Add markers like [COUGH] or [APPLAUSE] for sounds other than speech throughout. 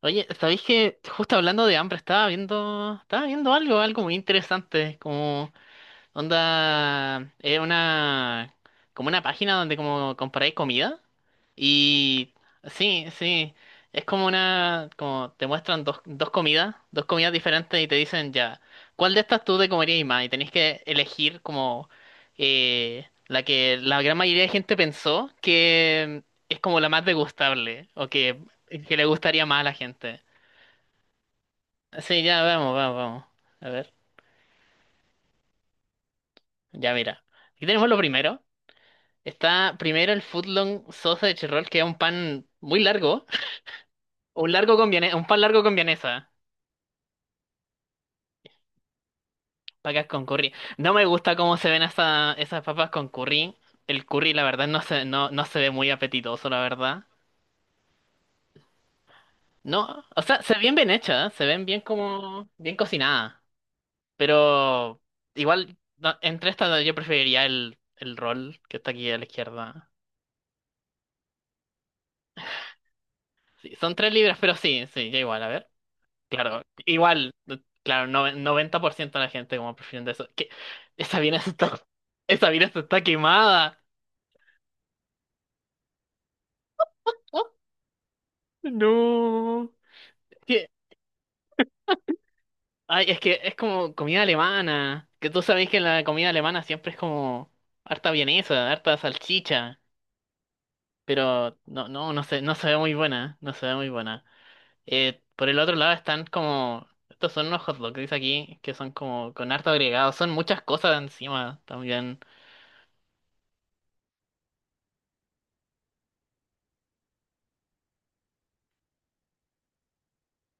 Oye, ¿sabéis que justo hablando de hambre estaba viendo algo muy interesante, como onda, como una página donde como comparáis comida y sí, sí, es como una, como te muestran dos comidas diferentes y te dicen ya, ¿cuál de estas tú te comerías más? Y tenéis que elegir como la que la gran mayoría de gente pensó que es como la más degustable o que le gustaría más a la gente. Sí, ya vamos, vamos, vamos. A ver, ya mira. Aquí tenemos lo primero. Está primero el footlong sausage roll, que es un pan muy largo. Un pan largo con vienesa. Papas con curry. No me gusta cómo se ven esas papas con curry. El curry, la verdad, no se ve muy apetitoso, la verdad. No, o sea, se ven bien hechas, se ven bien como, bien cocinadas. Pero igual, no, entre estas yo preferiría el roll que está aquí a la izquierda. Sí, son £3, pero sí, sí, ya igual, a ver. Claro, igual, claro, no, 90% de la gente como prefiriendo eso. ¿Qué? Esa Venus [LAUGHS] está, esa Venus está quemada. Oh, no. ¿Qué? Ay, es que es como comida alemana. Que tú sabes que la comida alemana siempre es como harta vienesa, harta salchicha. Pero no se ve muy buena, no se ve muy buena. Por el otro lado están como, estos son unos hot dogs, dice aquí, que son como con harto agregado, son muchas cosas encima también.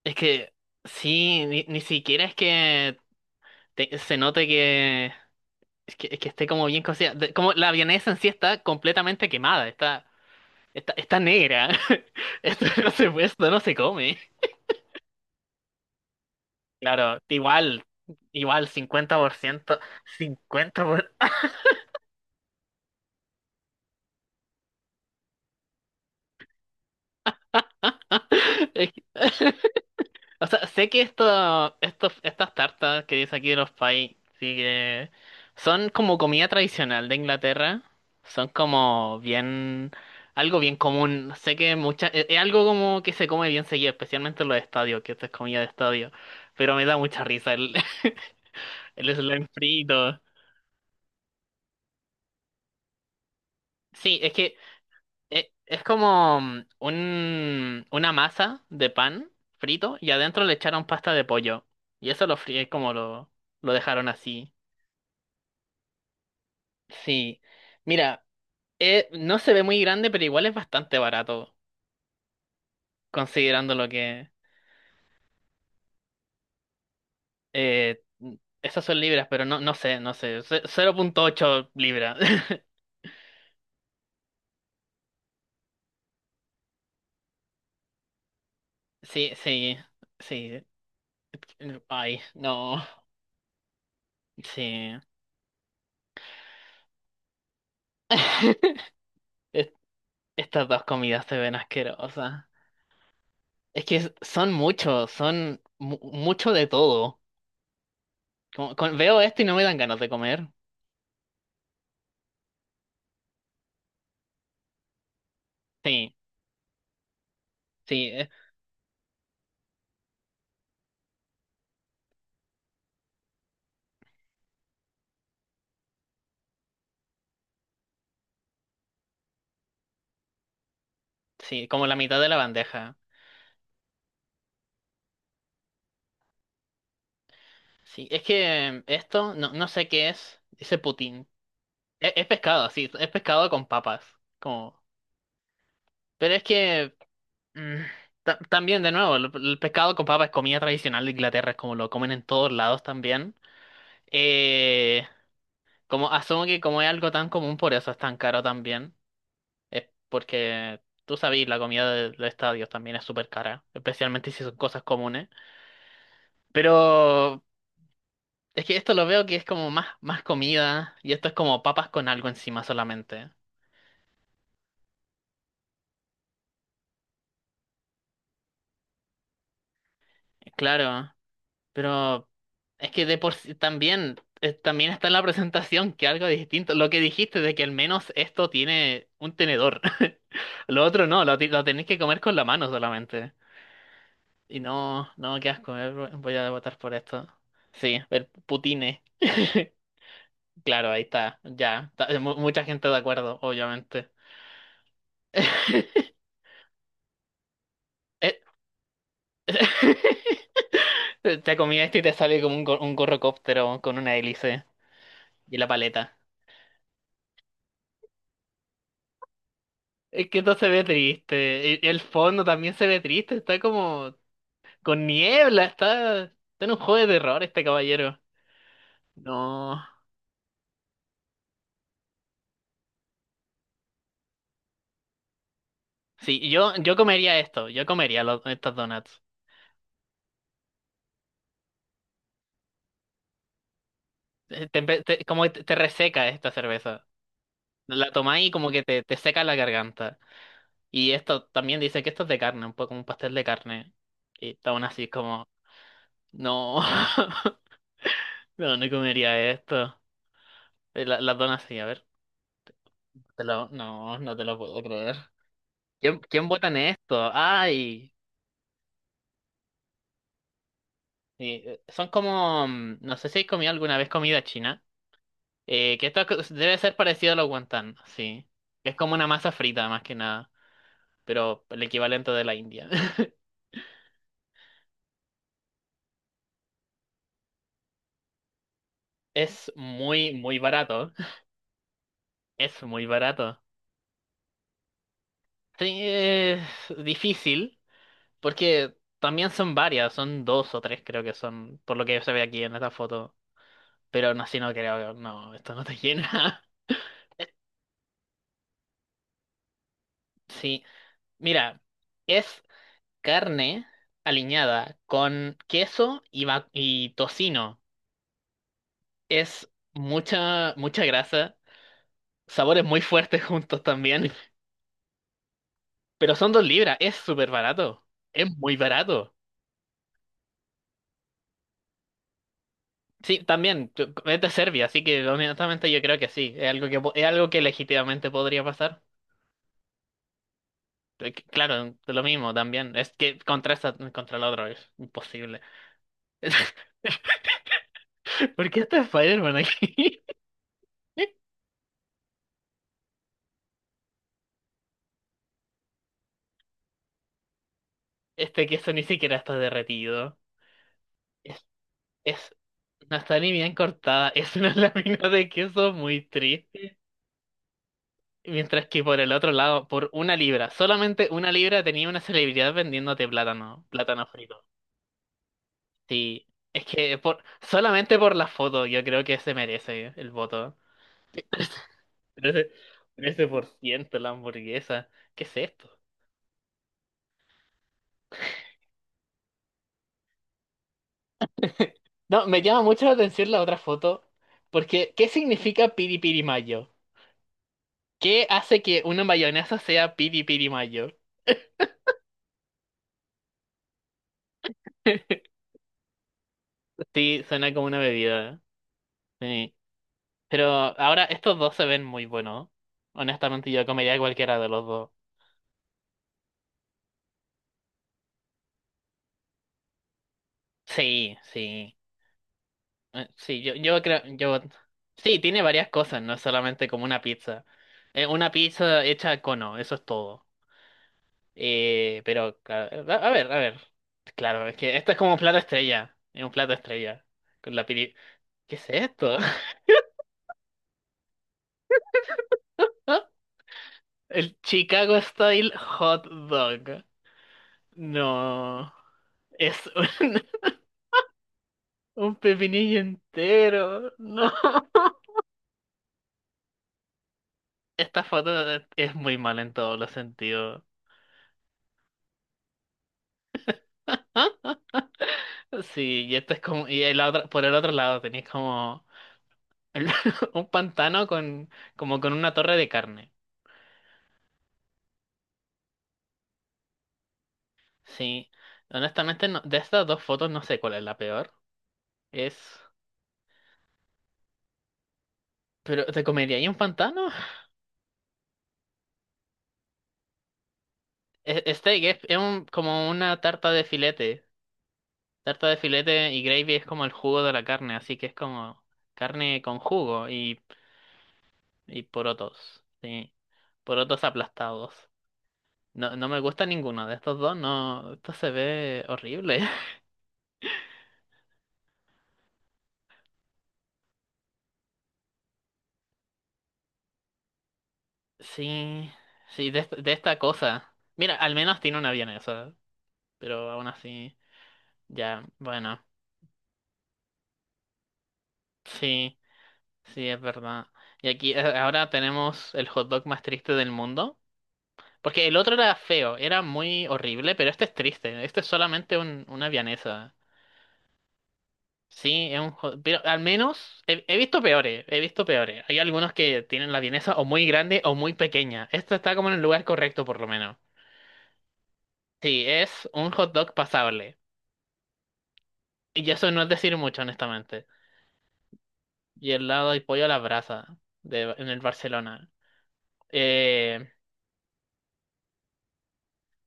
Es que, sí, ni siquiera es que te- se note que, es que esté como bien cocida. De- como la vienesa en sí está completamente quemada, está negra. [LAUGHS] Esto no se puede, esto no se come. Claro, igual, 50%, 50%. Por- ciento. [LAUGHS] Es que- [LAUGHS] O sea, sé que esto, estos estas tartas que dice aquí de los pies, sí que son como comida tradicional de Inglaterra. Son como bien, algo bien común. Sé que mucha, es algo como que se come bien seguido, especialmente en los estadios, que esto es comida de estadio. Pero me da mucha risa [LAUGHS] el slime frito. Sí, es que es, como una masa de pan frito y adentro le echaron pasta de pollo. Y eso lo fríe como lo dejaron así. Sí, mira, no se ve muy grande, pero igual es bastante barato, considerando lo que... Eh, esas son libras, pero no sé, £0.8. [LAUGHS] Sí, sí, sí. Ay, no, sí. [LAUGHS] Es- Estas dos comidas se ven asquerosas. Es que son muchos, mucho de todo. Veo esto y no me dan ganas de comer. Sí, sí, sí, como la mitad de la bandeja. Sí, es que esto, no, no sé qué es, ese Putin. Es pescado, sí, es pescado con papas. Como... Pero es que mm, también, de nuevo, el pescado con papas es comida tradicional de Inglaterra, es como lo comen en todos lados también. Eh, como asumo que como es algo tan común, por eso es tan caro también. Es porque tú sabes, la comida de estadios también es súper cara, especialmente si son cosas comunes. Pero es que esto lo veo que es como más comida y esto es como papas con algo encima solamente. Claro, pero es que de por sí también, también está en la presentación que algo distinto. Lo que dijiste de que al menos esto tiene un tenedor. [LAUGHS] Lo otro no, lo tenés que comer con la mano solamente. Y no, no, qué asco, voy a votar por esto. Sí, el putine. [LAUGHS] Claro, ahí está, ya. Mucha gente de acuerdo, obviamente. [LAUGHS] Eh, te comí esto y te sale como un gorrocóptero con una hélice y la paleta. Es que esto se ve triste. E- El fondo también se ve triste. Está como con niebla. Está en un juego de terror este caballero. No. Sí, yo comería esto. Yo comería estos donuts. Como que te reseca esta cerveza. La tomáis y como que te seca la garganta. Y esto también dice que esto es de carne, un poco como un pastel de carne. Y está aún así como... No, [LAUGHS] no, no comería esto. Las donas sí, a ver. No, no te lo puedo creer. ¿ quién vota en esto? Ay, sí, son como, no sé si has comido alguna vez comida china. Que debe ser parecido a los wonton, sí. Es como una masa frita más que nada, pero el equivalente de la India. [LAUGHS] Es muy, muy barato. Es muy barato. Sí, es difícil, porque también son varias, son dos o tres creo que son, por lo que se ve aquí en esta foto. Pero no, si no creo, no, esto no te llena. [LAUGHS] Sí, mira, es carne aliñada con queso y, y tocino. Es mucha, mucha grasa, sabores muy fuertes juntos también, pero son £2, es súper barato, es muy barato. Sí, también, es de Serbia, así que honestamente yo creo que sí, es algo que, es algo que legítimamente podría pasar. Claro, lo mismo también, es que contra, contra el otro es imposible. ¿Por qué está Spider-Man aquí? [LAUGHS] Este queso ni siquiera está derretido. Es, es, no está ni bien cortada. Es una [LAUGHS] lámina de queso muy triste. Mientras que por el otro lado, por £1, solamente £1 tenía una celebridad vendiéndote plátano, plátano frito. Sí, es que por, solamente por la foto yo creo que se merece el voto. 13, 13% la hamburguesa. ¿Qué es esto? No, me llama mucho la atención la otra foto. Porque, ¿qué significa piri piri mayo? ¿Qué hace que una mayonesa sea piri piri mayo? [LAUGHS] Sí, suena como una bebida. Sí. Pero ahora estos dos se ven muy buenos. Honestamente, yo comería cualquiera de los dos. Sí, sí. Sí, yo creo, yo... Sí, tiene varias cosas, no es solamente como una pizza. Una pizza hecha cono, eso es todo. Pero, claro, a ver, a ver. Claro, es que esto es como un plato estrella. Es un plato estrella. Con la piri... ¿Qué es esto? [LAUGHS] El Chicago Style Hot Dog. No. Es un, [LAUGHS] un pepinillo entero. No. Esta foto es muy mala en todos los sentidos. ¿Ah? Sí, y esto es como. Y el otro, por el otro lado tenéis como el- [LAUGHS] un pantano con, como con una torre de carne. Sí. Honestamente, de estas dos fotos no sé cuál es la peor. Es. Pero, ¿te comerías un pantano? Steak es, como una tarta de filete. Tarta de filete y gravy es como el jugo de la carne, así que es como carne con jugo y porotos, sí, porotos aplastados. No, no me gusta ninguno de estos dos, no, esto se ve horrible. [LAUGHS] Sí, sí, de, de esta cosa. Mira, al menos tiene una vienesa, pero aún así, ya, bueno, sí, sí, es verdad. Y aquí ahora tenemos el hot dog más triste del mundo. Porque el otro era feo, era muy horrible, pero este es triste. Este es solamente una vianesa. Sí, es un... Pero al menos he visto peores, he visto peores. Hay algunos que tienen la vienesa o muy grande o muy pequeña. Esta está como en el lugar correcto, por lo menos. Sí, es un hot dog pasable. Y eso no es decir mucho, honestamente. Y el lado hay pollo a la brasa en el Barcelona. Eh,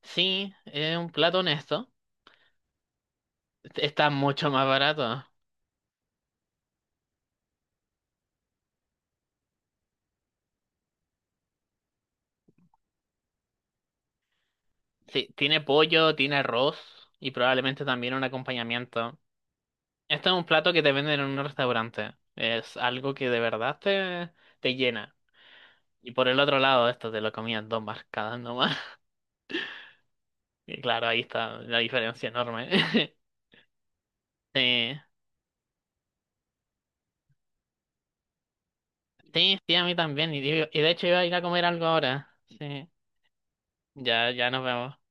sí, es un plato honesto. Está mucho más barato. Sí, tiene pollo, tiene arroz y probablemente también un acompañamiento. Este es un plato que te venden en un restaurante. Es algo que de verdad te llena. Y por el otro lado, esto te lo comían dos marcadas nomás. [LAUGHS] Y claro, ahí está la diferencia enorme. [LAUGHS] Sí, sí, sí, a mí también. Y, y de hecho iba a ir a comer algo ahora. Sí, ya, ya nos vemos.